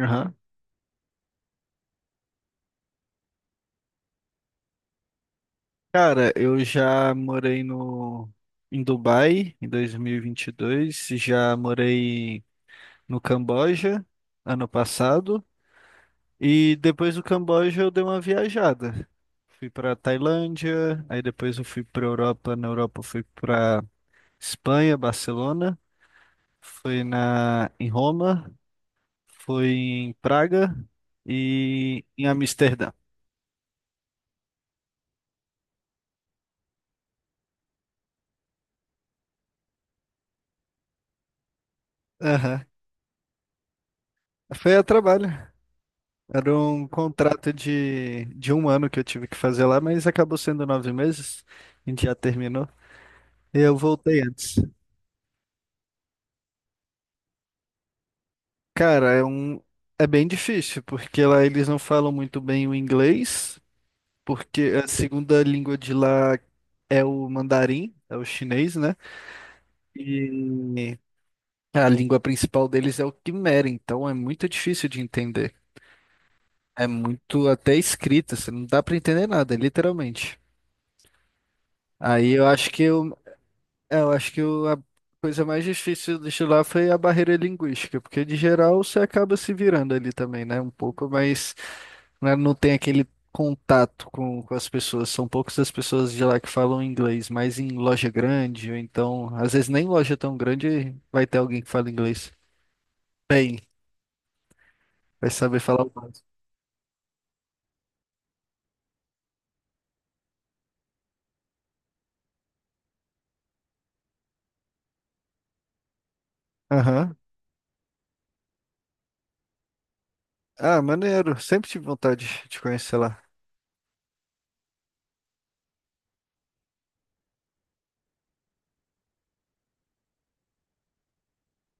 Aham. Cara, eu já morei no em Dubai em dois mil e vinte e dois. Já morei no Camboja ano passado e depois do Camboja eu dei uma viajada. Fui para Tailândia, aí depois eu fui para Europa, na Europa eu fui para Espanha, Barcelona, fui na em Roma, fui em Praga e em Amsterdã. Aham. Foi a trabalho. Era um contrato de um ano que eu tive que fazer lá, mas acabou sendo 9 meses. A gente já terminou. E eu voltei antes. Cara, é bem difícil, porque lá eles não falam muito bem o inglês, porque a segunda língua de lá é o mandarim, é o chinês, né? E a língua principal deles é o quimera, então é muito difícil de entender. É muito até escrita, você não dá pra entender nada, literalmente. Aí eu acho que eu É, Eu acho que a coisa mais difícil de lá foi a barreira linguística, porque de geral você acaba se virando ali também, né? Um pouco, mas né, não tem aquele contato com as pessoas. São poucas as pessoas de lá que falam inglês, mas em loja grande, ou então, às vezes nem loja tão grande vai ter alguém que fala inglês. Bem, vai saber falar o básico. Aham. Ah, maneiro. Sempre tive vontade de conhecer lá.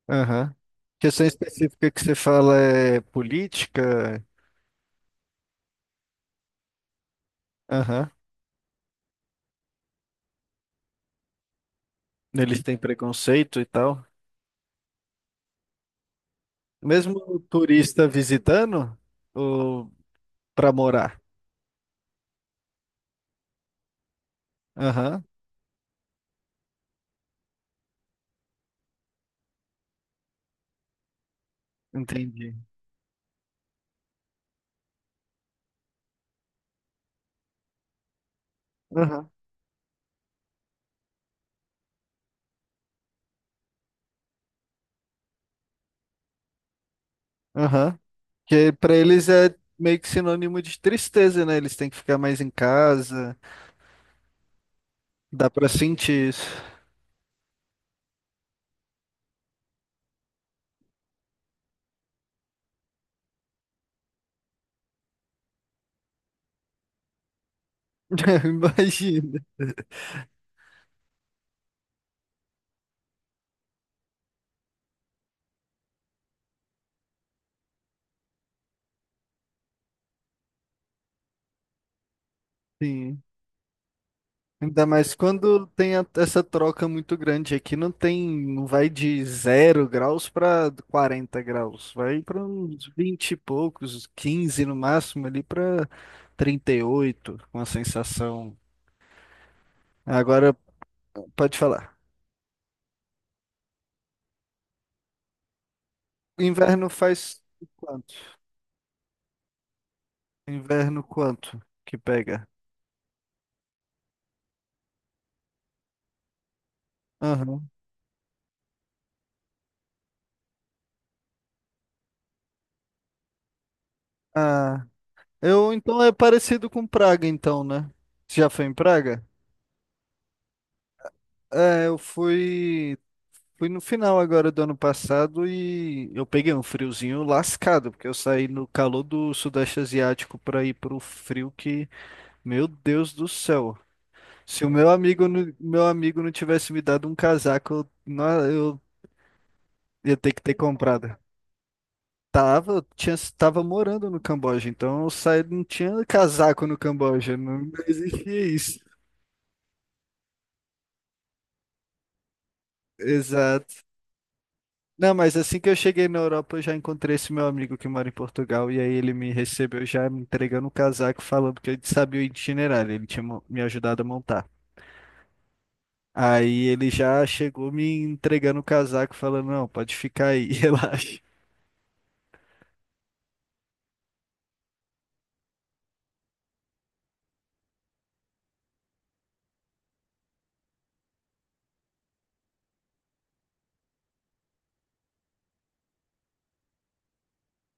Aham. Questão específica que você fala é política? Aham. Eles têm preconceito e tal. Mesmo o turista visitando ou para morar? Aham, entendi. Aham, aham. Que para eles é meio que sinônimo de tristeza, né? Eles têm que ficar mais em casa. Dá para sentir isso. Imagina. Sim. Ainda mais quando tem essa troca muito grande. Aqui não tem, não vai de 0 graus para 40 graus. Vai para uns 20 e poucos, 15 no máximo, ali para 38 com a sensação. Agora, pode falar. Inverno faz quanto? Inverno quanto que pega? Aham. Ah, eu então é parecido com Praga, então, né? Você já foi em Praga? É, eu fui. Fui no final agora do ano passado e eu peguei um friozinho lascado, porque eu saí no calor do Sudeste Asiático para ir pro frio que, meu Deus do céu. Se o meu amigo, meu amigo não tivesse me dado um casaco, eu ia ter que ter comprado. Tava, eu tinha, tava morando no Camboja, então eu saí, não tinha casaco no Camboja, não existia isso. Exato. Não, mas assim que eu cheguei na Europa, eu já encontrei esse meu amigo que mora em Portugal, e aí ele me recebeu já me entregando o casaco, falando que ele sabia o itinerário, ele tinha me ajudado a montar. Aí ele já chegou me entregando o casaco, falando, não, pode ficar aí, relaxa.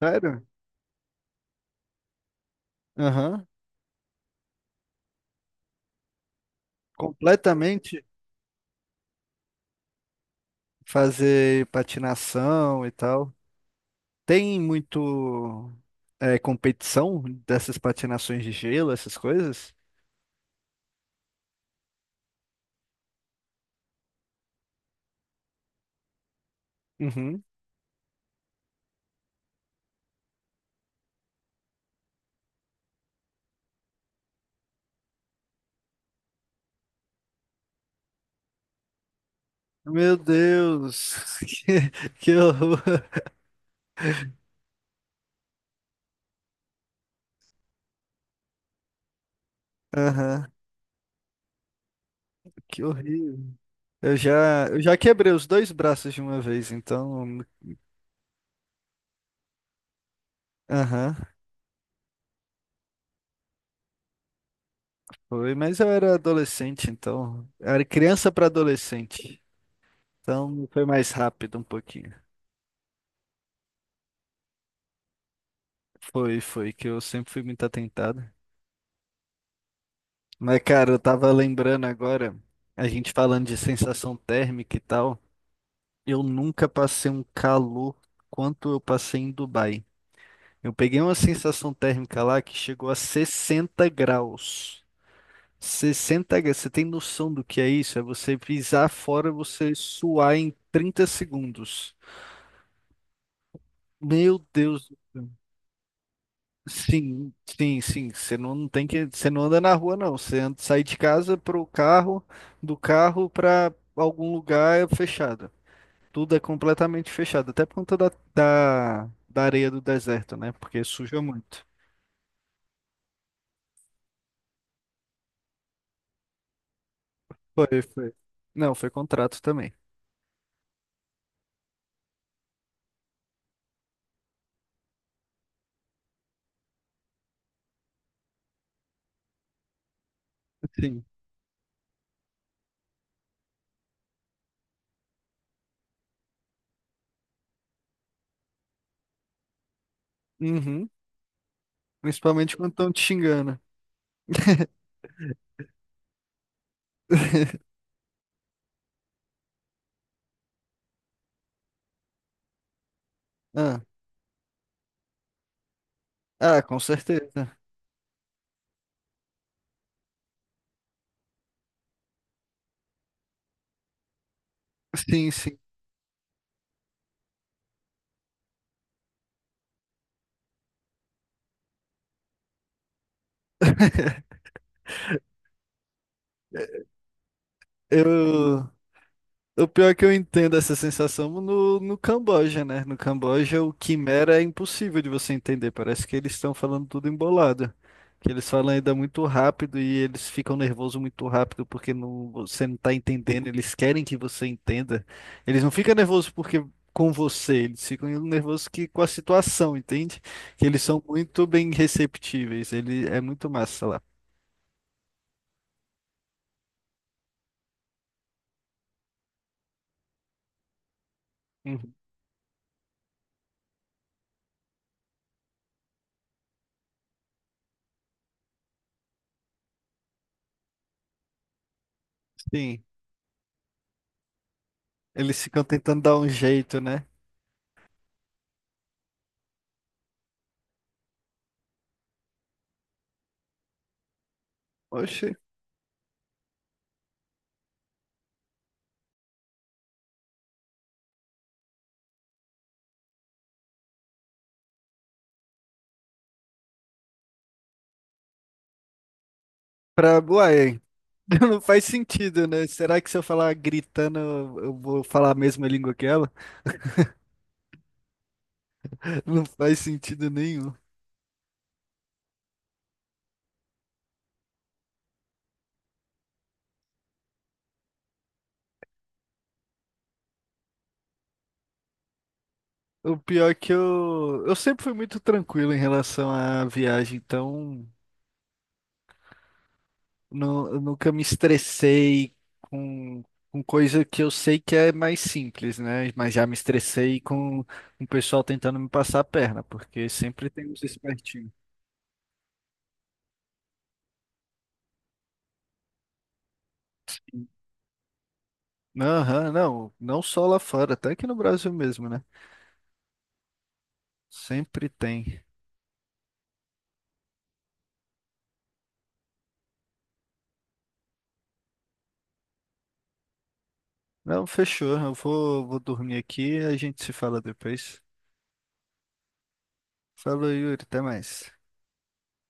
Sério? Aham. Completamente fazer patinação e tal. Tem muito competição dessas patinações de gelo, essas coisas? Uhum. Meu Deus, que, que horror. Aham, que horrível. Eu já quebrei os dois braços de uma vez, então. Aham, foi, mas eu era adolescente, então. Eu era criança para adolescente. Então foi mais rápido um pouquinho. Foi, foi, que eu sempre fui muito atentado. Mas, cara, eu tava lembrando agora, a gente falando de sensação térmica e tal. Eu nunca passei um calor quanto eu passei em Dubai. Eu peguei uma sensação térmica lá que chegou a 60 graus. Você senta, você tem noção do que é isso? É você pisar fora, você suar em 30 segundos. Meu Deus do céu. Sim, sim, sim. Você não anda na rua, não. Sai de casa pro carro, do carro para algum lugar fechado. Tudo é completamente fechado, até por conta da areia do deserto, né? Porque suja muito. Foi, foi. Não, foi contrato também. Sim. Uhum. Principalmente quando estão te xingando. Ah. Ah, com certeza. Sim, sim. Eu, o pior é que eu entendo essa sensação no Camboja, né? No Camboja, o Quimera é impossível de você entender. Parece que eles estão falando tudo embolado. Que eles falam ainda muito rápido e eles ficam nervosos muito rápido porque não, você não está entendendo. Eles querem que você entenda. Eles não ficam nervosos porque com você, eles ficam nervosos que, com a situação, entende? Que eles são muito bem receptíveis. Ele é muito massa lá. Uhum. Sim. Eles ficam tentando dar um jeito, né? Oxe, pra. Uai, não faz sentido, né? Será que se eu falar gritando, eu vou falar a mesma língua que ela? Não faz sentido nenhum. O pior é que eu. Eu sempre fui muito tranquilo em relação à viagem, então. Não, eu nunca me estressei com, com coisa que eu sei que é mais simples, né? Mas já me estressei com o pessoal tentando me passar a perna, porque sempre tem uns espertinhos. Aham, não, não só lá fora, até aqui no Brasil mesmo, né? Sempre tem. Não, fechou. Eu vou dormir aqui e a gente se fala depois. Falou, Yuri, até mais.